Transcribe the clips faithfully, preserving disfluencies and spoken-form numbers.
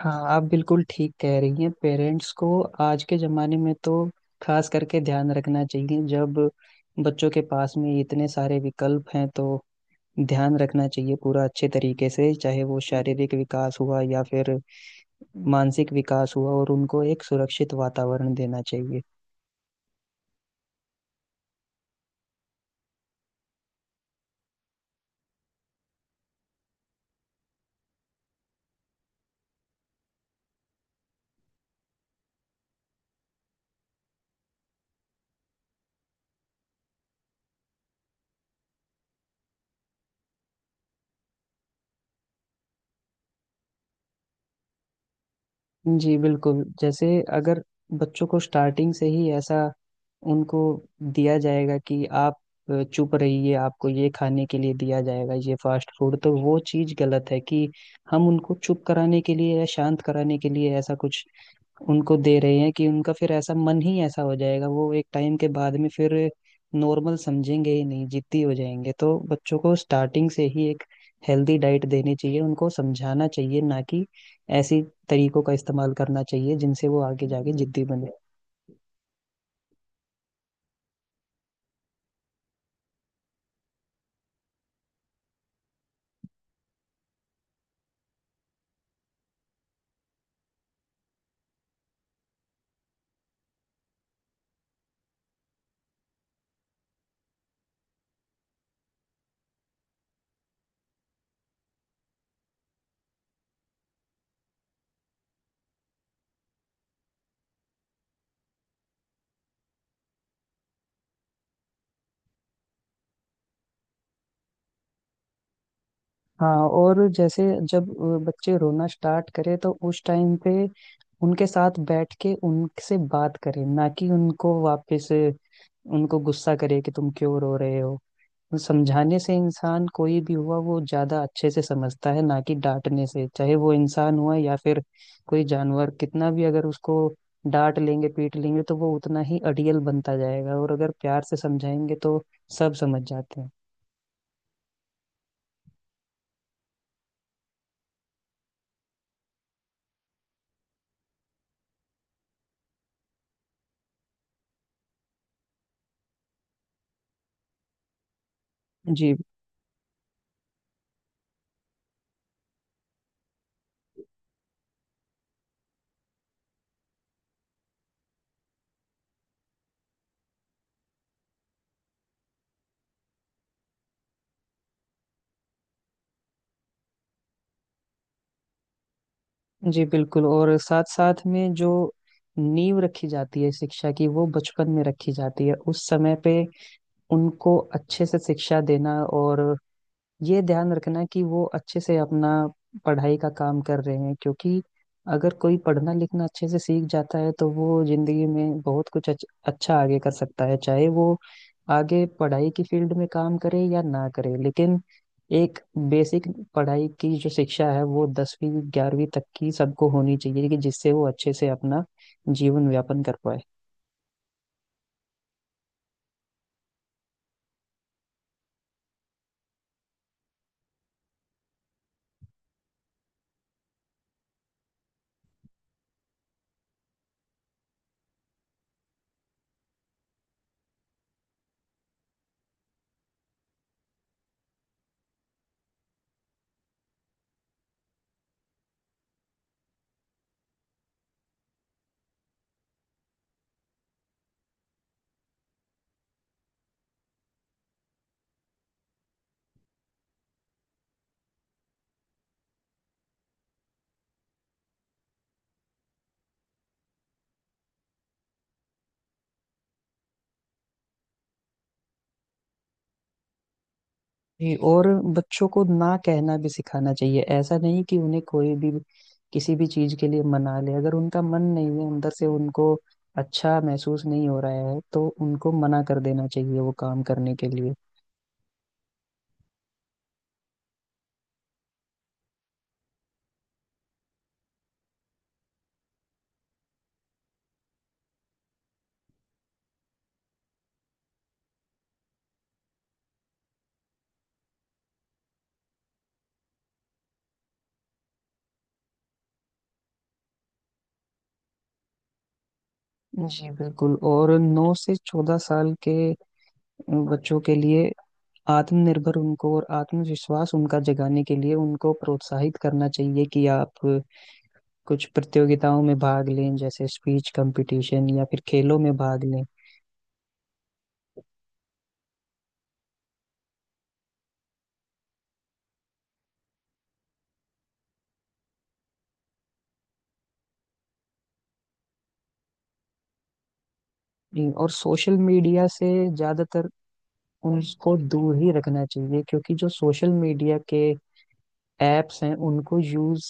हाँ आप बिल्कुल ठीक कह रही हैं। पेरेंट्स को आज के ज़माने में तो खास करके ध्यान रखना चाहिए, जब बच्चों के पास में इतने सारे विकल्प हैं। तो ध्यान रखना चाहिए पूरा अच्छे तरीके से, चाहे वो शारीरिक विकास हुआ या फिर मानसिक विकास हुआ, और उनको एक सुरक्षित वातावरण देना चाहिए। जी बिल्कुल। जैसे अगर बच्चों को स्टार्टिंग से ही ऐसा उनको दिया जाएगा कि आप अ, चुप रहिए, आपको ये खाने के लिए दिया जाएगा ये फास्ट फूड, तो वो चीज़ गलत है कि हम उनको चुप कराने के लिए या शांत कराने के लिए ऐसा कुछ उनको दे रहे हैं कि उनका फिर ऐसा मन ही ऐसा हो जाएगा। वो एक टाइम के बाद में फिर नॉर्मल समझेंगे ही नहीं, जिद्दी हो जाएंगे। तो बच्चों को स्टार्टिंग से ही एक हेल्दी डाइट देनी चाहिए, उनको समझाना चाहिए, ना कि ऐसी तरीकों का इस्तेमाल करना चाहिए जिनसे वो आगे जाके जिद्दी बने। हाँ। और जैसे जब अ, बच्चे रोना स्टार्ट करें तो उस टाइम पे उनके साथ बैठ के उनसे बात करें, ना कि उनको वापस अ, उनको गुस्सा करे कि तुम क्यों रो रहे हो। वो समझाने से इंसान कोई भी हुआ वो ज्यादा अच्छे से समझता है, ना कि डांटने से। चाहे वो इंसान हुआ या फिर कोई जानवर, कितना भी अगर उसको डांट लेंगे पीट लेंगे तो वो उतना ही अड़ियल बनता जाएगा, और अगर प्यार से समझाएंगे तो सब समझ जाते हैं। जी, जी बिल्कुल। और साथ साथ में जो नींव रखी जाती है शिक्षा की, वो बचपन में रखी जाती है। उस समय पे उनको अच्छे से शिक्षा देना और ये ध्यान रखना कि वो अच्छे से अपना पढ़ाई का काम कर रहे हैं, क्योंकि अगर कोई पढ़ना लिखना अच्छे से सीख जाता है तो वो जिंदगी में बहुत कुछ अच्छ- अच्छा आगे कर सकता है। चाहे वो आगे पढ़ाई की फील्ड में काम करे या ना करे, लेकिन एक बेसिक पढ़ाई की जो शिक्षा है वो दसवीं ग्यारहवीं तक की सबको होनी चाहिए, कि जिससे वो अच्छे से अपना जीवन यापन कर पाए। जी, और बच्चों को ना कहना भी सिखाना चाहिए। ऐसा नहीं कि उन्हें कोई भी किसी भी चीज के लिए मना ले। अगर उनका मन नहीं है, अंदर से उनको अच्छा महसूस नहीं हो रहा है, तो उनको मना कर देना चाहिए वो काम करने के लिए। जी बिल्कुल। और नौ से चौदह साल के बच्चों के लिए आत्मनिर्भर उनको और आत्मविश्वास उनका जगाने के लिए उनको प्रोत्साहित करना चाहिए कि आप कुछ प्रतियोगिताओं में भाग लें, जैसे स्पीच कंपटीशन या फिर खेलों में भाग लें। नहीं, और सोशल मीडिया से ज्यादातर उनको दूर ही रखना चाहिए, क्योंकि जो सोशल मीडिया के एप्स हैं उनको यूज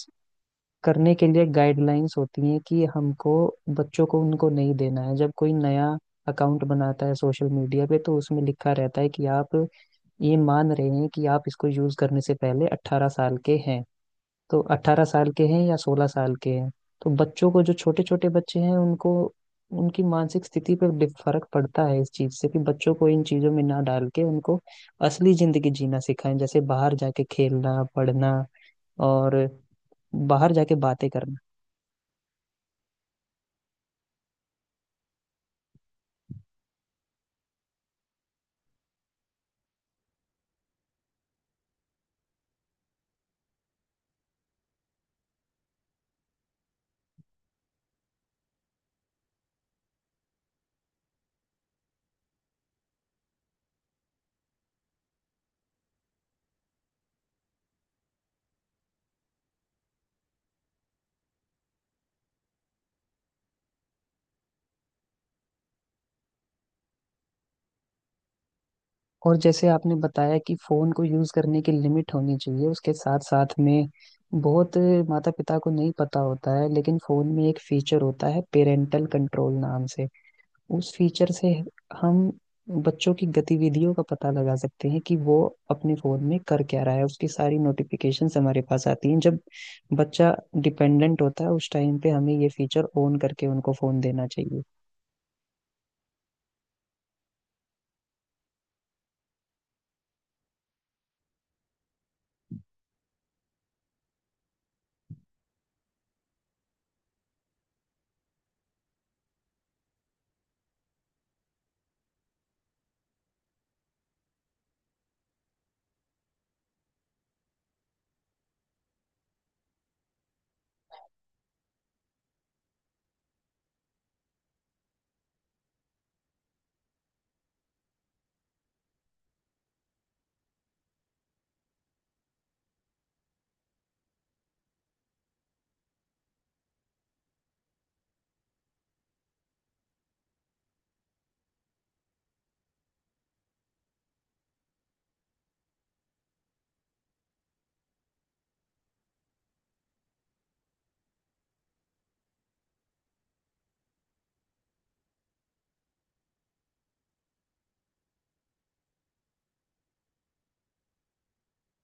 करने के लिए गाइडलाइंस होती हैं कि हमको बच्चों को उनको नहीं देना है। जब कोई नया अकाउंट बनाता है सोशल मीडिया पे तो उसमें लिखा रहता है कि आप ये मान रहे हैं कि आप इसको यूज करने से पहले अट्ठारह साल के हैं। तो अट्ठारह साल के हैं या सोलह साल के हैं। तो बच्चों को, जो छोटे छोटे बच्चे हैं, उनको, उनकी मानसिक स्थिति पर डिफ- फर्क पड़ता है इस चीज से। कि बच्चों को इन चीजों में ना डाल के उनको असली जिंदगी जीना सिखाएं, जैसे बाहर जाके खेलना, पढ़ना, और बाहर जाके बातें करना। और जैसे आपने बताया कि फोन को यूज करने की लिमिट होनी चाहिए, उसके साथ साथ में बहुत माता पिता को नहीं पता होता है, लेकिन फोन में एक फीचर होता है पेरेंटल कंट्रोल नाम से। उस फीचर से हम बच्चों की गतिविधियों का पता लगा सकते हैं कि वो अपने फोन में कर क्या रहा है। उसकी सारी नोटिफिकेशंस हमारे पास आती हैं। जब बच्चा डिपेंडेंट होता है, उस टाइम पे हमें ये फीचर ऑन करके उनको फोन देना चाहिए।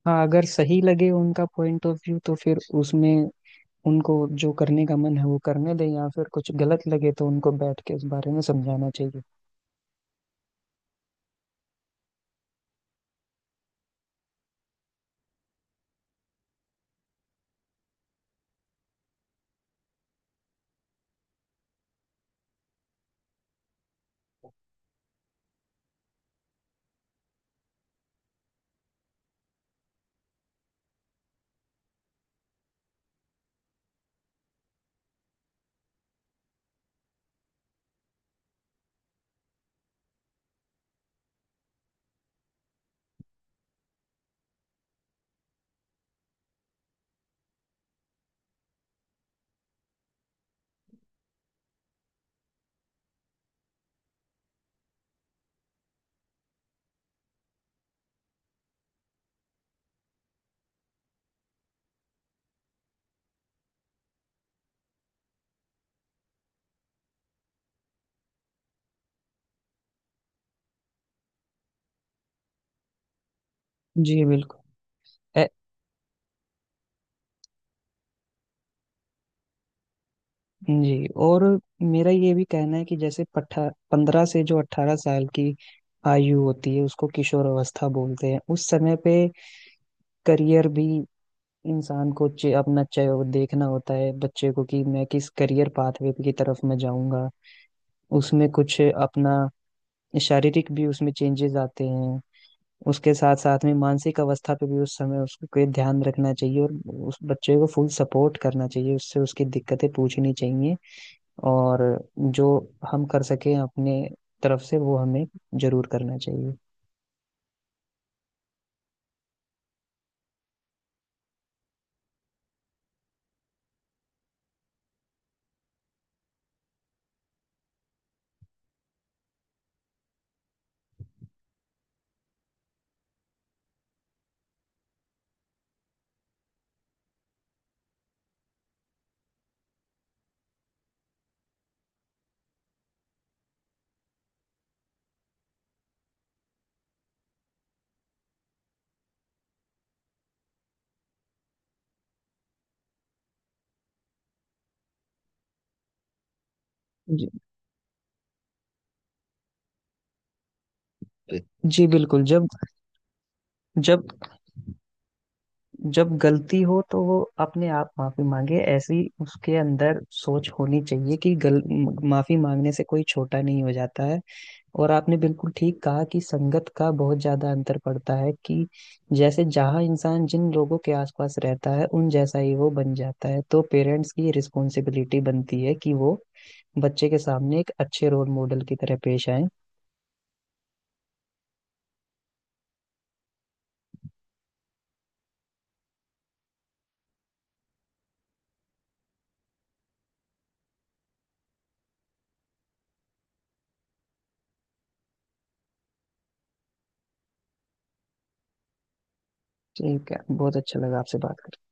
हाँ। अगर सही लगे उनका पॉइंट ऑफ व्यू तो फिर उसमें उनको जो करने का मन है वो करने दें, या फिर कुछ गलत लगे तो उनको बैठ के उस बारे में समझाना चाहिए। जी बिल्कुल। जी, और मेरा ये भी कहना है कि जैसे पठा पंद्रह से जो अट्ठारह साल की आयु होती है, उसको किशोर अवस्था बोलते हैं। उस समय पे करियर भी इंसान को, चे, अपना चय देखना होता है बच्चे को, कि मैं किस करियर पाथवे की तरफ मैं जाऊंगा। उसमें कुछ अपना शारीरिक भी उसमें चेंजेस आते हैं, उसके साथ साथ में मानसिक अवस्था पे भी उस समय उसको कोई ध्यान रखना चाहिए, और उस बच्चे को फुल सपोर्ट करना चाहिए, उससे उसकी दिक्कतें पूछनी चाहिए, और जो हम कर सकें अपने तरफ से वो हमें जरूर करना चाहिए। जी, जी बिल्कुल। जब जब जब गलती हो तो वो अपने आप माफी मांगे। ऐसी उसके अंदर सोच होनी चाहिए कि गल माफी मांगने से कोई छोटा नहीं हो जाता है। और आपने बिल्कुल ठीक कहा कि संगत का बहुत ज्यादा अंतर पड़ता है, कि जैसे जहाँ इंसान जिन लोगों के आसपास रहता है उन जैसा ही वो बन जाता है। तो पेरेंट्स की रिस्पॉन्सिबिलिटी बनती है कि वो बच्चे के सामने एक अच्छे रोल मॉडल की तरह पेश आए। ठीक है। बहुत अच्छा लगा आपसे बात करके।